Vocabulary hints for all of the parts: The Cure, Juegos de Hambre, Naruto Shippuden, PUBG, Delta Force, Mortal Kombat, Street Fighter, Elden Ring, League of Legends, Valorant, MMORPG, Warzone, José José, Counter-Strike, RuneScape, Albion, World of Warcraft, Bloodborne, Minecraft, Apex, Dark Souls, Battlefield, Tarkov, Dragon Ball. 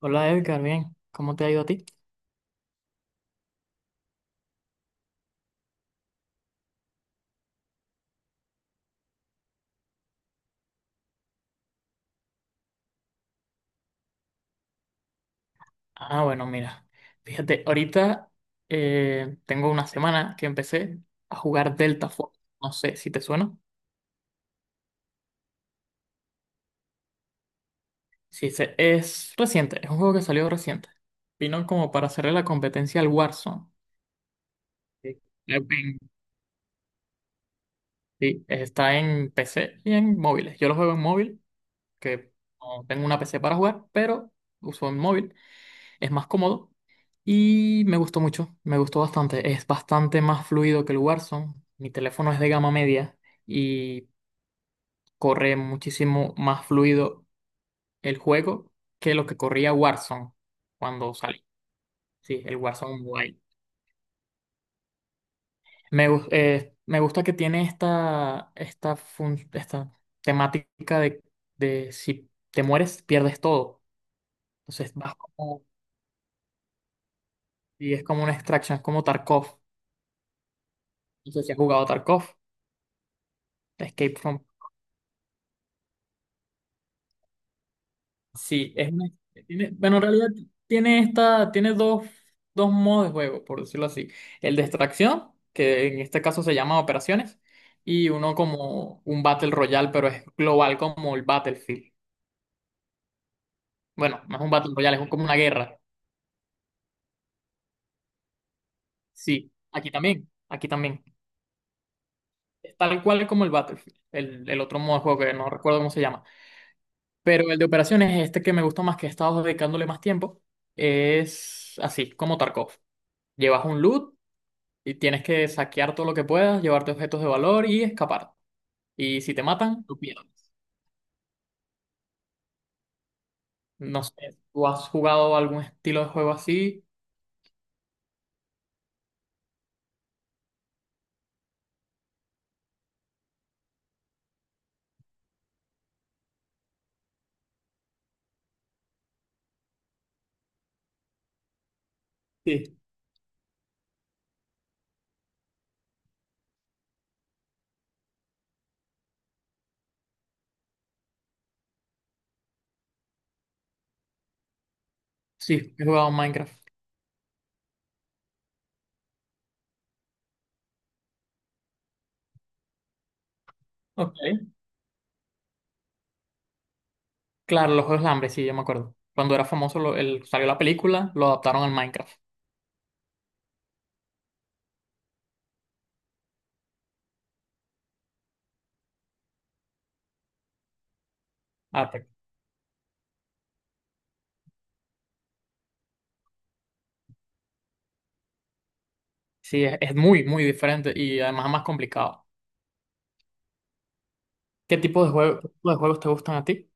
Hola Edgar, bien, ¿cómo te ha ido a ti? Ah, bueno, mira, fíjate, ahorita tengo una semana que empecé a jugar Delta Force. No sé si te suena. Sí, es reciente, es un juego que salió reciente. Vino como para hacerle la competencia al Warzone. Sí. Eh, en- sí, está en PC y en móviles. Yo lo juego en móvil, que no tengo una PC para jugar, pero uso en móvil. Es más cómodo. Y me gustó mucho, me gustó bastante. Es bastante más fluido que el Warzone. Mi teléfono es de gama media y corre muchísimo más fluido el juego que lo que corría Warzone cuando salí. Sí, el Warzone Mobile. Me gusta que tiene esta temática de si te mueres, pierdes todo. Entonces vas como, y es como una extraction, es como Tarkov. No sé si has jugado Tarkov, Escape from. Sí, es una- tiene, bueno, en realidad tiene esta, tiene dos modos de juego, por decirlo así. El de extracción, que en este caso se llama operaciones, y uno como un Battle Royale, pero es global como el Battlefield. Bueno, no es un Battle Royale, es como una guerra. Sí, aquí también, aquí también. Es tal cual como el Battlefield, el otro modo de juego que no recuerdo cómo se llama. Pero el de operaciones, este que me gusta más, que he estado dedicándole más tiempo, es así, como Tarkov. Llevas un loot. Y tienes que saquear todo lo que puedas, llevarte objetos de valor y escapar. Y si te matan, tú pierdes. No sé, ¿tú has jugado algún estilo de juego así? Sí. Sí, he jugado Minecraft. Ok. Claro, los Juegos de Hambre, sí, yo me acuerdo. Cuando era famoso, salió la película, lo adaptaron al Minecraft. Ah. Sí, es muy, muy diferente y además es más complicado. ¿Qué tipo de juego, qué tipo de juegos te gustan a ti?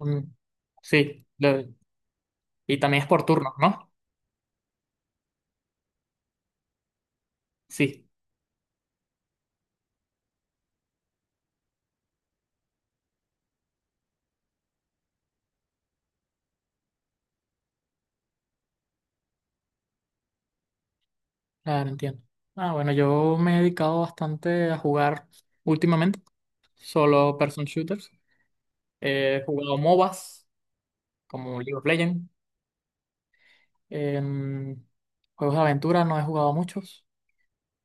Mm, sí, lo- y también es por turnos, ¿no? Sí. Claro, entiendo. Ah, bueno, yo me he dedicado bastante a jugar últimamente, solo person shooters. He jugado MOBAs, como League of Legends. Em, juegos de aventura no he jugado muchos.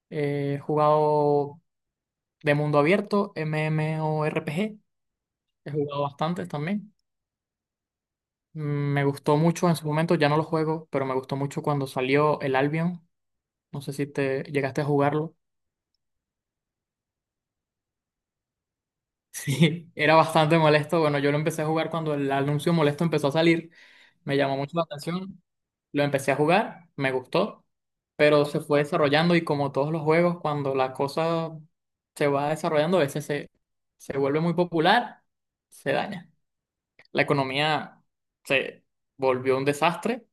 He jugado de mundo abierto, MMORPG. He jugado bastantes también. Mm, Me gustó mucho en su momento, ya no lo juego, pero me gustó mucho cuando salió el Albion. No sé si te llegaste a jugarlo. Sí, era bastante molesto. Bueno, yo lo empecé a jugar cuando el anuncio molesto empezó a salir. Me llamó mucho la atención. Lo empecé a jugar, me gustó, pero se fue desarrollando y como todos los juegos, cuando la cosa se va desarrollando, a veces se, se vuelve muy popular, se daña. La economía se volvió un desastre.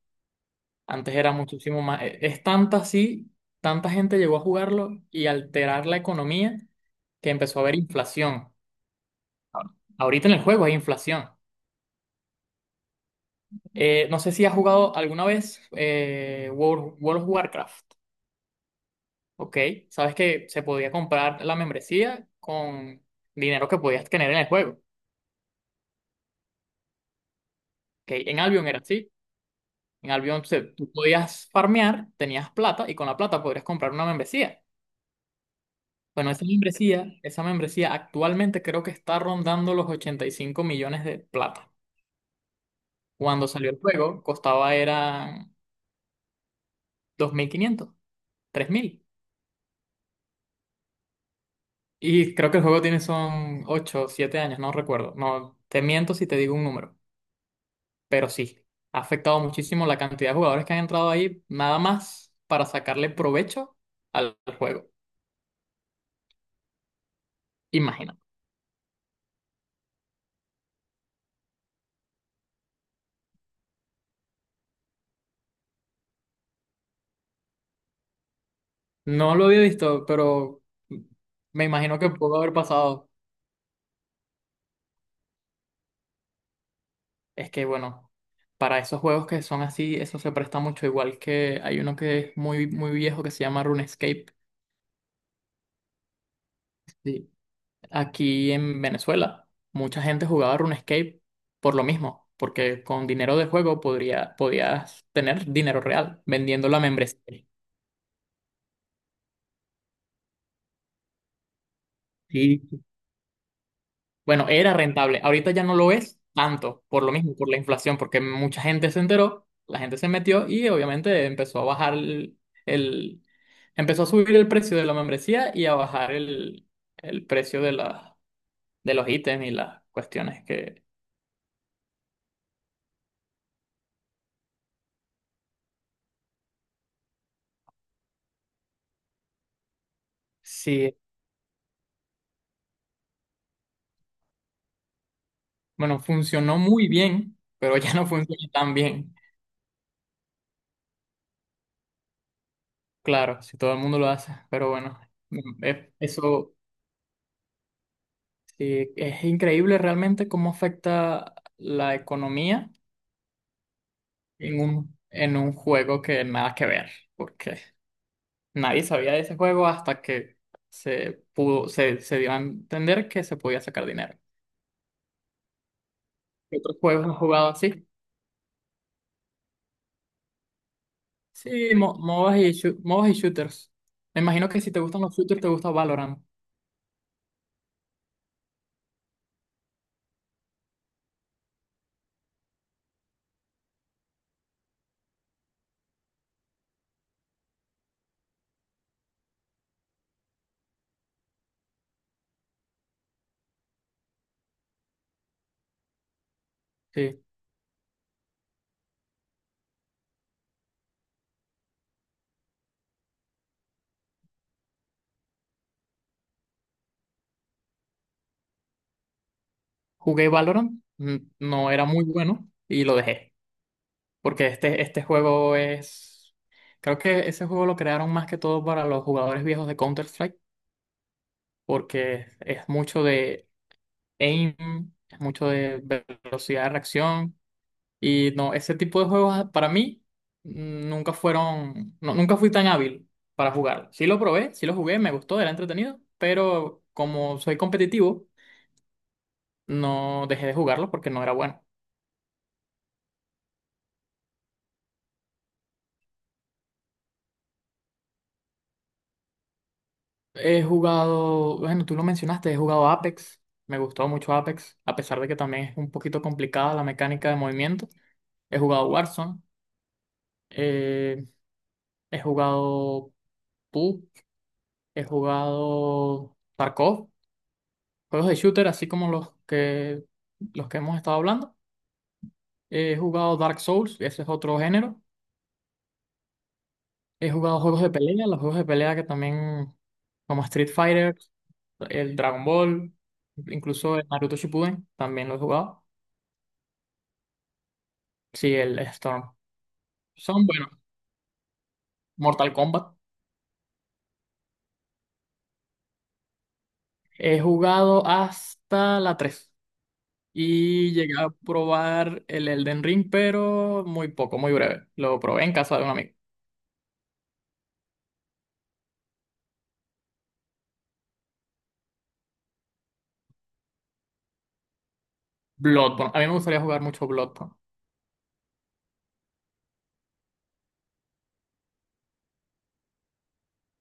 Antes era muchísimo más... Es tanta así, tanta gente llegó a jugarlo y alterar la economía que empezó a haber inflación. Ahorita en el juego hay inflación. No sé si has jugado alguna vez World of Warcraft, ¿ok? Sabes que se podía comprar la membresía con dinero que podías tener en el juego, ¿ok? En Albion era así. Tú podías farmear, tenías plata y con la plata podrías comprar una membresía. Bueno, esa membresía actualmente creo que está rondando los 85 millones de plata. Cuando salió el juego, costaba eran 2.500, 3.000. Y creo que el juego tiene son 8 o 7 años, no recuerdo. No, te miento si te digo un número, pero sí, ha afectado muchísimo la cantidad de jugadores que han entrado ahí, nada más para sacarle provecho al juego. Imagina. No lo había visto, pero me imagino que pudo haber pasado. Es que, bueno, para esos juegos que son así, eso se presta mucho, igual que hay uno que es muy, muy viejo que se llama RuneScape. Aquí en Venezuela, mucha gente jugaba RuneScape por lo mismo, porque con dinero de juego podías tener dinero real vendiendo la membresía. Sí, bueno, era rentable. Ahorita ya no lo es tanto, por lo mismo, por la inflación, porque mucha gente se enteró, la gente se metió y obviamente empezó a bajar el- empezó a subir el precio de la membresía y a bajar el precio de de los ítems y las cuestiones que sí. Bueno, funcionó muy bien, pero ya no funciona tan bien. Claro, si todo el mundo lo hace, pero bueno, eso sí, es increíble realmente cómo afecta la economía en en un juego que nada que ver, porque nadie sabía de ese juego hasta que se dio a entender que se podía sacar dinero. ¿Qué otros juegos has jugado así? Sí, MOBAs y shooters. Me imagino que si te gustan los shooters, te gusta Valorant. Sí. Jugué Valorant, no era muy bueno y lo dejé, porque este juego es, creo que ese juego lo crearon más que todo para los jugadores viejos de Counter-Strike, porque es mucho de aim, es mucho de velocidad de reacción y no, ese tipo de juegos para mí nunca fueron, no, nunca fui tan hábil para jugar. Sí lo probé, sí lo jugué, me gustó, era entretenido, pero como soy competitivo, no dejé de jugarlo porque no era bueno. He jugado, bueno, tú lo mencionaste, he jugado Apex. Me gustó mucho Apex, a pesar de que también es un poquito complicada la mecánica de movimiento. He jugado Warzone, eh, he jugado PUBG, he jugado Tarkov, juegos de shooter, así como los que hemos estado hablando. He jugado Dark Souls, ese es otro género. He jugado juegos de pelea, los juegos de pelea que también, como Street Fighter, el Dragon Ball, incluso el Naruto Shippuden, también lo he jugado. Sí, el Storm. Son, bueno, Mortal Kombat. He jugado hasta la 3 y llegué a probar el Elden Ring, pero muy poco, muy breve. Lo probé en casa de un amigo. Bloodborne. A mí me gustaría jugar mucho Bloodborne.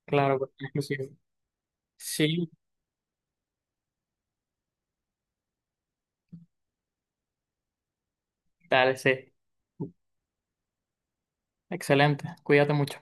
Claro, pues, exclusivo. Sí, dale, sí. Excelente. Cuídate mucho.